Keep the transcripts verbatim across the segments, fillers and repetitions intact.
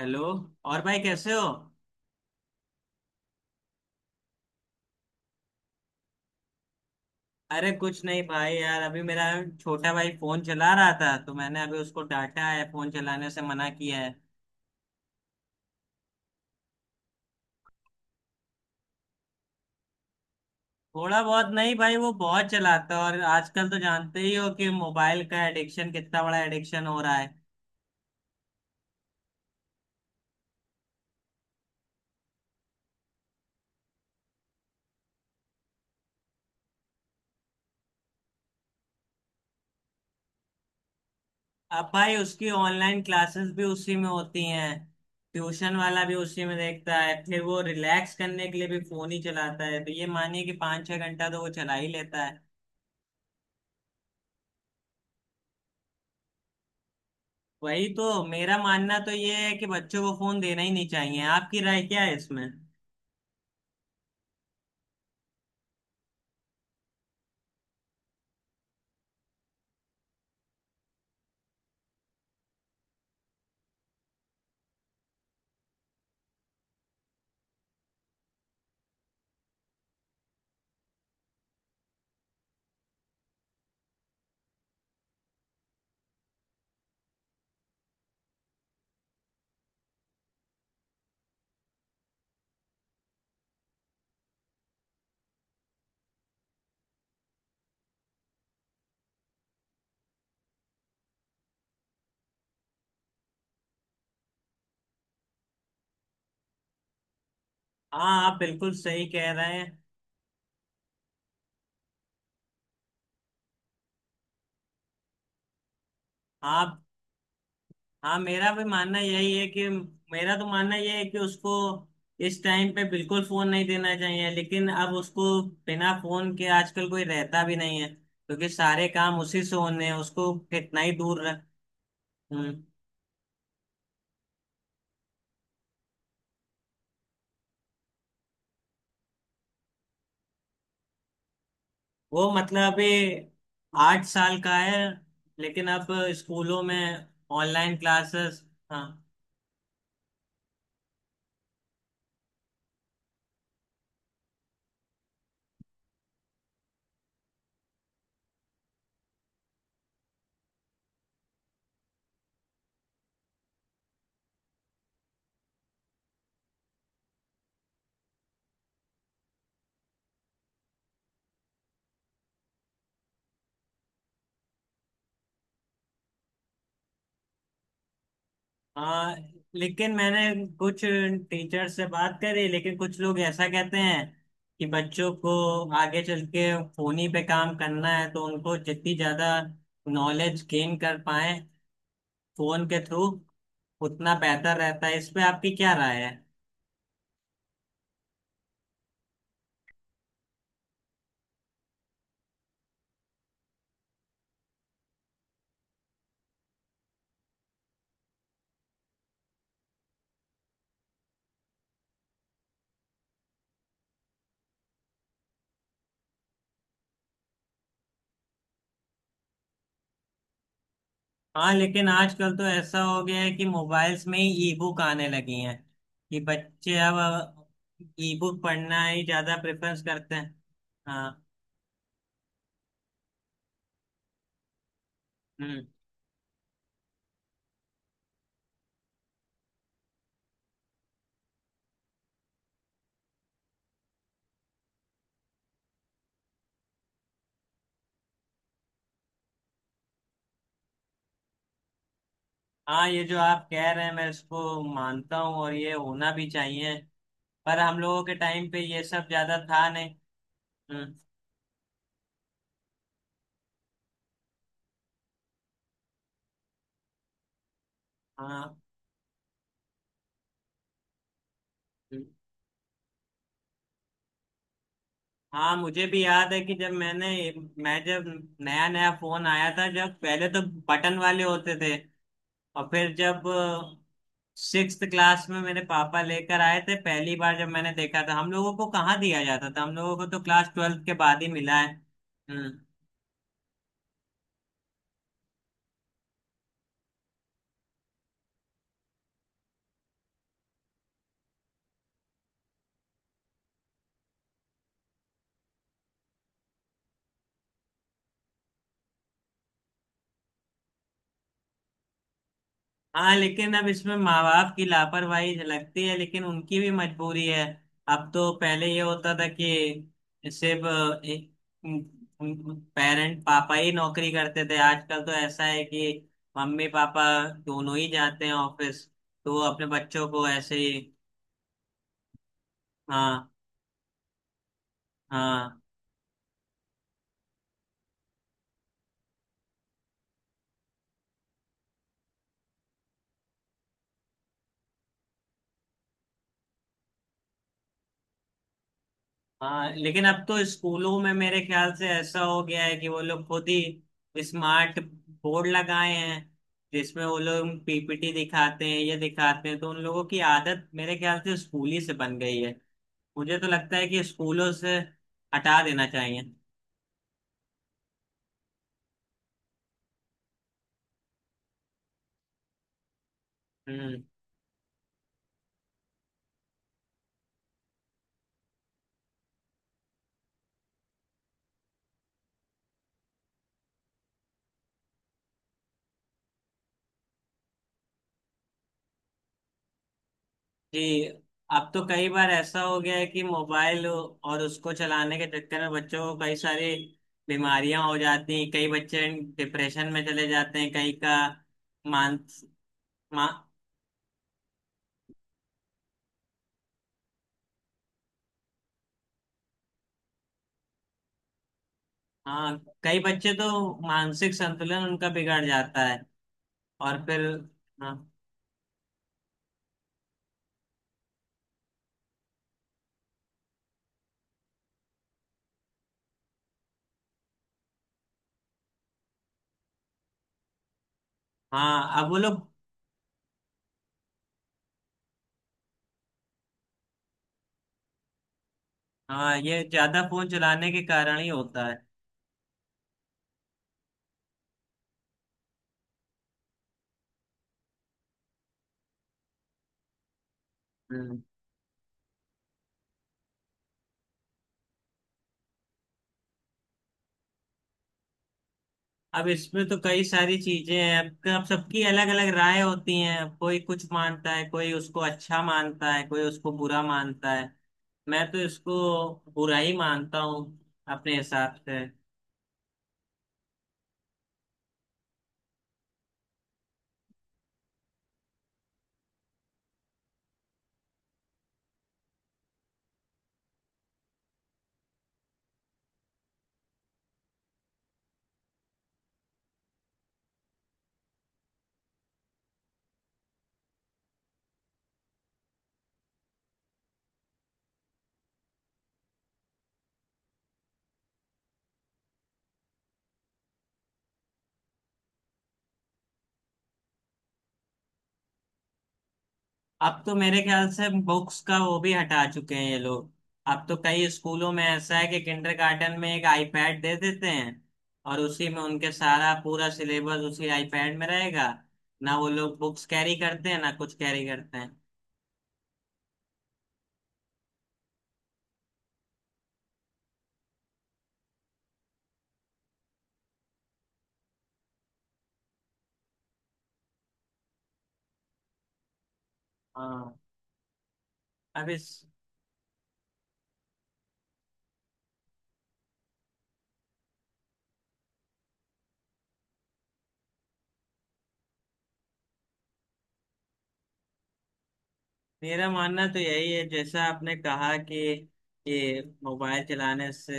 Hello. और भाई कैसे हो? अरे कुछ नहीं भाई यार, अभी मेरा छोटा भाई फोन चला रहा था तो मैंने अभी उसको डांटा है, फोन चलाने से मना किया है। थोड़ा बहुत नहीं भाई, वो बहुत चलाता है। और आजकल तो जानते ही हो कि मोबाइल का एडिक्शन कितना बड़ा एडिक्शन हो रहा है। अब भाई, उसकी ऑनलाइन क्लासेस भी उसी में होती हैं, ट्यूशन वाला भी उसी में देखता है, फिर वो रिलैक्स करने के लिए भी फोन ही चलाता है। तो ये मानिए कि पाँच छह घंटा तो वो चला ही लेता है। वही तो, मेरा मानना तो ये है कि बच्चों को फोन देना ही नहीं चाहिए। आपकी राय क्या है इसमें? हाँ, आप बिल्कुल सही कह रहे हैं। आप, हाँ मेरा भी मानना यही है कि, मेरा तो मानना यह है कि उसको इस टाइम पे बिल्कुल फोन नहीं देना चाहिए। लेकिन अब उसको बिना फोन के आजकल कोई रहता भी नहीं है, क्योंकि सारे काम उसी से होने हैं, उसको कितना ही दूर रख। हम्म, वो मतलब अभी आठ साल का है। लेकिन अब स्कूलों में ऑनलाइन क्लासेस। हाँ। हाँ, लेकिन मैंने कुछ टीचर से बात करी, लेकिन कुछ लोग ऐसा कहते हैं कि बच्चों को आगे चल के फोन ही पे काम करना है, तो उनको जितनी ज्यादा नॉलेज गेन कर पाए फोन के थ्रू उतना बेहतर रहता है। इस पे आपकी क्या राय है? हाँ लेकिन आजकल तो ऐसा हो गया है कि मोबाइल्स में ही ई बुक आने लगी हैं, कि बच्चे अब ई बुक पढ़ना ही ज्यादा प्रेफरेंस करते हैं। हाँ। हम्म। हाँ, ये जो आप कह रहे हैं मैं इसको मानता हूँ, और ये होना भी चाहिए। पर हम लोगों के टाइम पे ये सब ज्यादा था नहीं। हम्म। हाँ। हम्म, हाँ मुझे भी याद है कि जब मैंने, मैं जब नया नया फोन आया था। जब पहले तो बटन वाले होते थे, और फिर जब सिक्स क्लास में मेरे पापा लेकर आए थे पहली बार जब मैंने देखा था। हम लोगों को कहाँ दिया जाता था, हम लोगों को तो क्लास ट्वेल्थ के बाद ही मिला है। हम्म। हाँ लेकिन अब इसमें माँ बाप की लापरवाही झलकती है, लेकिन उनकी भी मजबूरी है। अब तो पहले ये होता था कि सिर्फ पेरेंट पापा ही नौकरी करते थे। आजकल तो ऐसा है कि मम्मी पापा दोनों ही जाते हैं ऑफिस, तो वो अपने बच्चों को ऐसे ही। हाँ। हाँ। हाँ लेकिन अब तो स्कूलों में मेरे ख्याल से ऐसा हो गया है कि वो लोग खुद ही स्मार्ट बोर्ड लगाए हैं, जिसमें वो लोग पीपीटी दिखाते हैं, ये दिखाते हैं। तो उन लोगों की आदत मेरे ख्याल से स्कूल ही से बन गई है। मुझे तो लगता है कि स्कूलों से हटा देना चाहिए। हम्म। जी, अब तो कई बार ऐसा हो गया है कि मोबाइल और उसको चलाने के चक्कर में बच्चों को कई सारी बीमारियां हो जाती हैं। कई बच्चे डिप्रेशन में चले जाते हैं, कई का मान, मा, हाँ, कई बच्चे तो मानसिक संतुलन उनका बिगड़ जाता है। और फिर, हाँ। हाँ अब वो लोग, हाँ ये ज्यादा फोन चलाने के कारण ही होता है। हम्म, अब इसमें तो कई सारी चीजें हैं। अब अब सबकी अलग अलग राय होती हैं। कोई कुछ मानता है, कोई उसको अच्छा मानता है, कोई उसको बुरा मानता है। मैं तो इसको बुरा ही मानता हूँ अपने हिसाब से। अब तो मेरे ख्याल से बुक्स का वो भी हटा चुके हैं ये लोग। अब तो कई स्कूलों में ऐसा है कि किंडरगार्टन में एक आईपैड दे देते हैं, और उसी में उनके सारा पूरा सिलेबस उसी आईपैड में रहेगा। ना वो लोग बुक्स कैरी करते हैं, ना कुछ कैरी करते हैं। हाँ। अब इस मेरा मानना तो यही है, जैसा आपने कहा कि ये मोबाइल चलाने से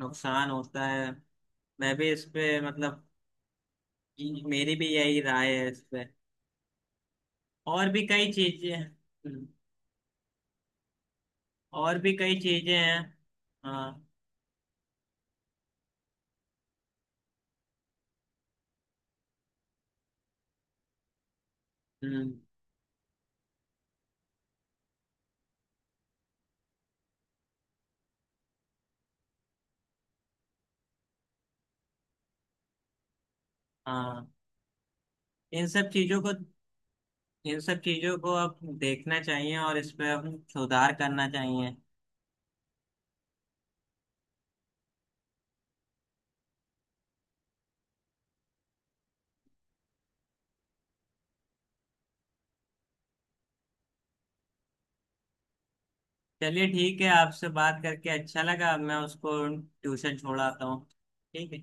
नुकसान होता है। मैं भी इस पे मतलब, मेरी भी यही राय है इस पे। और भी कई चीजें हैं, और भी कई चीजें हैं। हाँ। हम्म, हाँ, इन सब चीजों को, इन सब चीजों को अब देखना चाहिए, और इस पे अब सुधार करना चाहिए। चलिए ठीक है, आपसे बात करके अच्छा लगा। अब मैं उसको ट्यूशन छोड़ाता हूँ, ठीक है?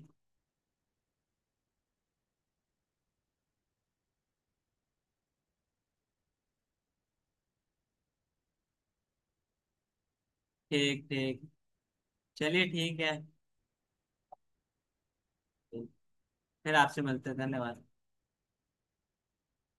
ठीक ठीक। चलिए ठीक है, फिर आपसे मिलते हैं। धन्यवाद।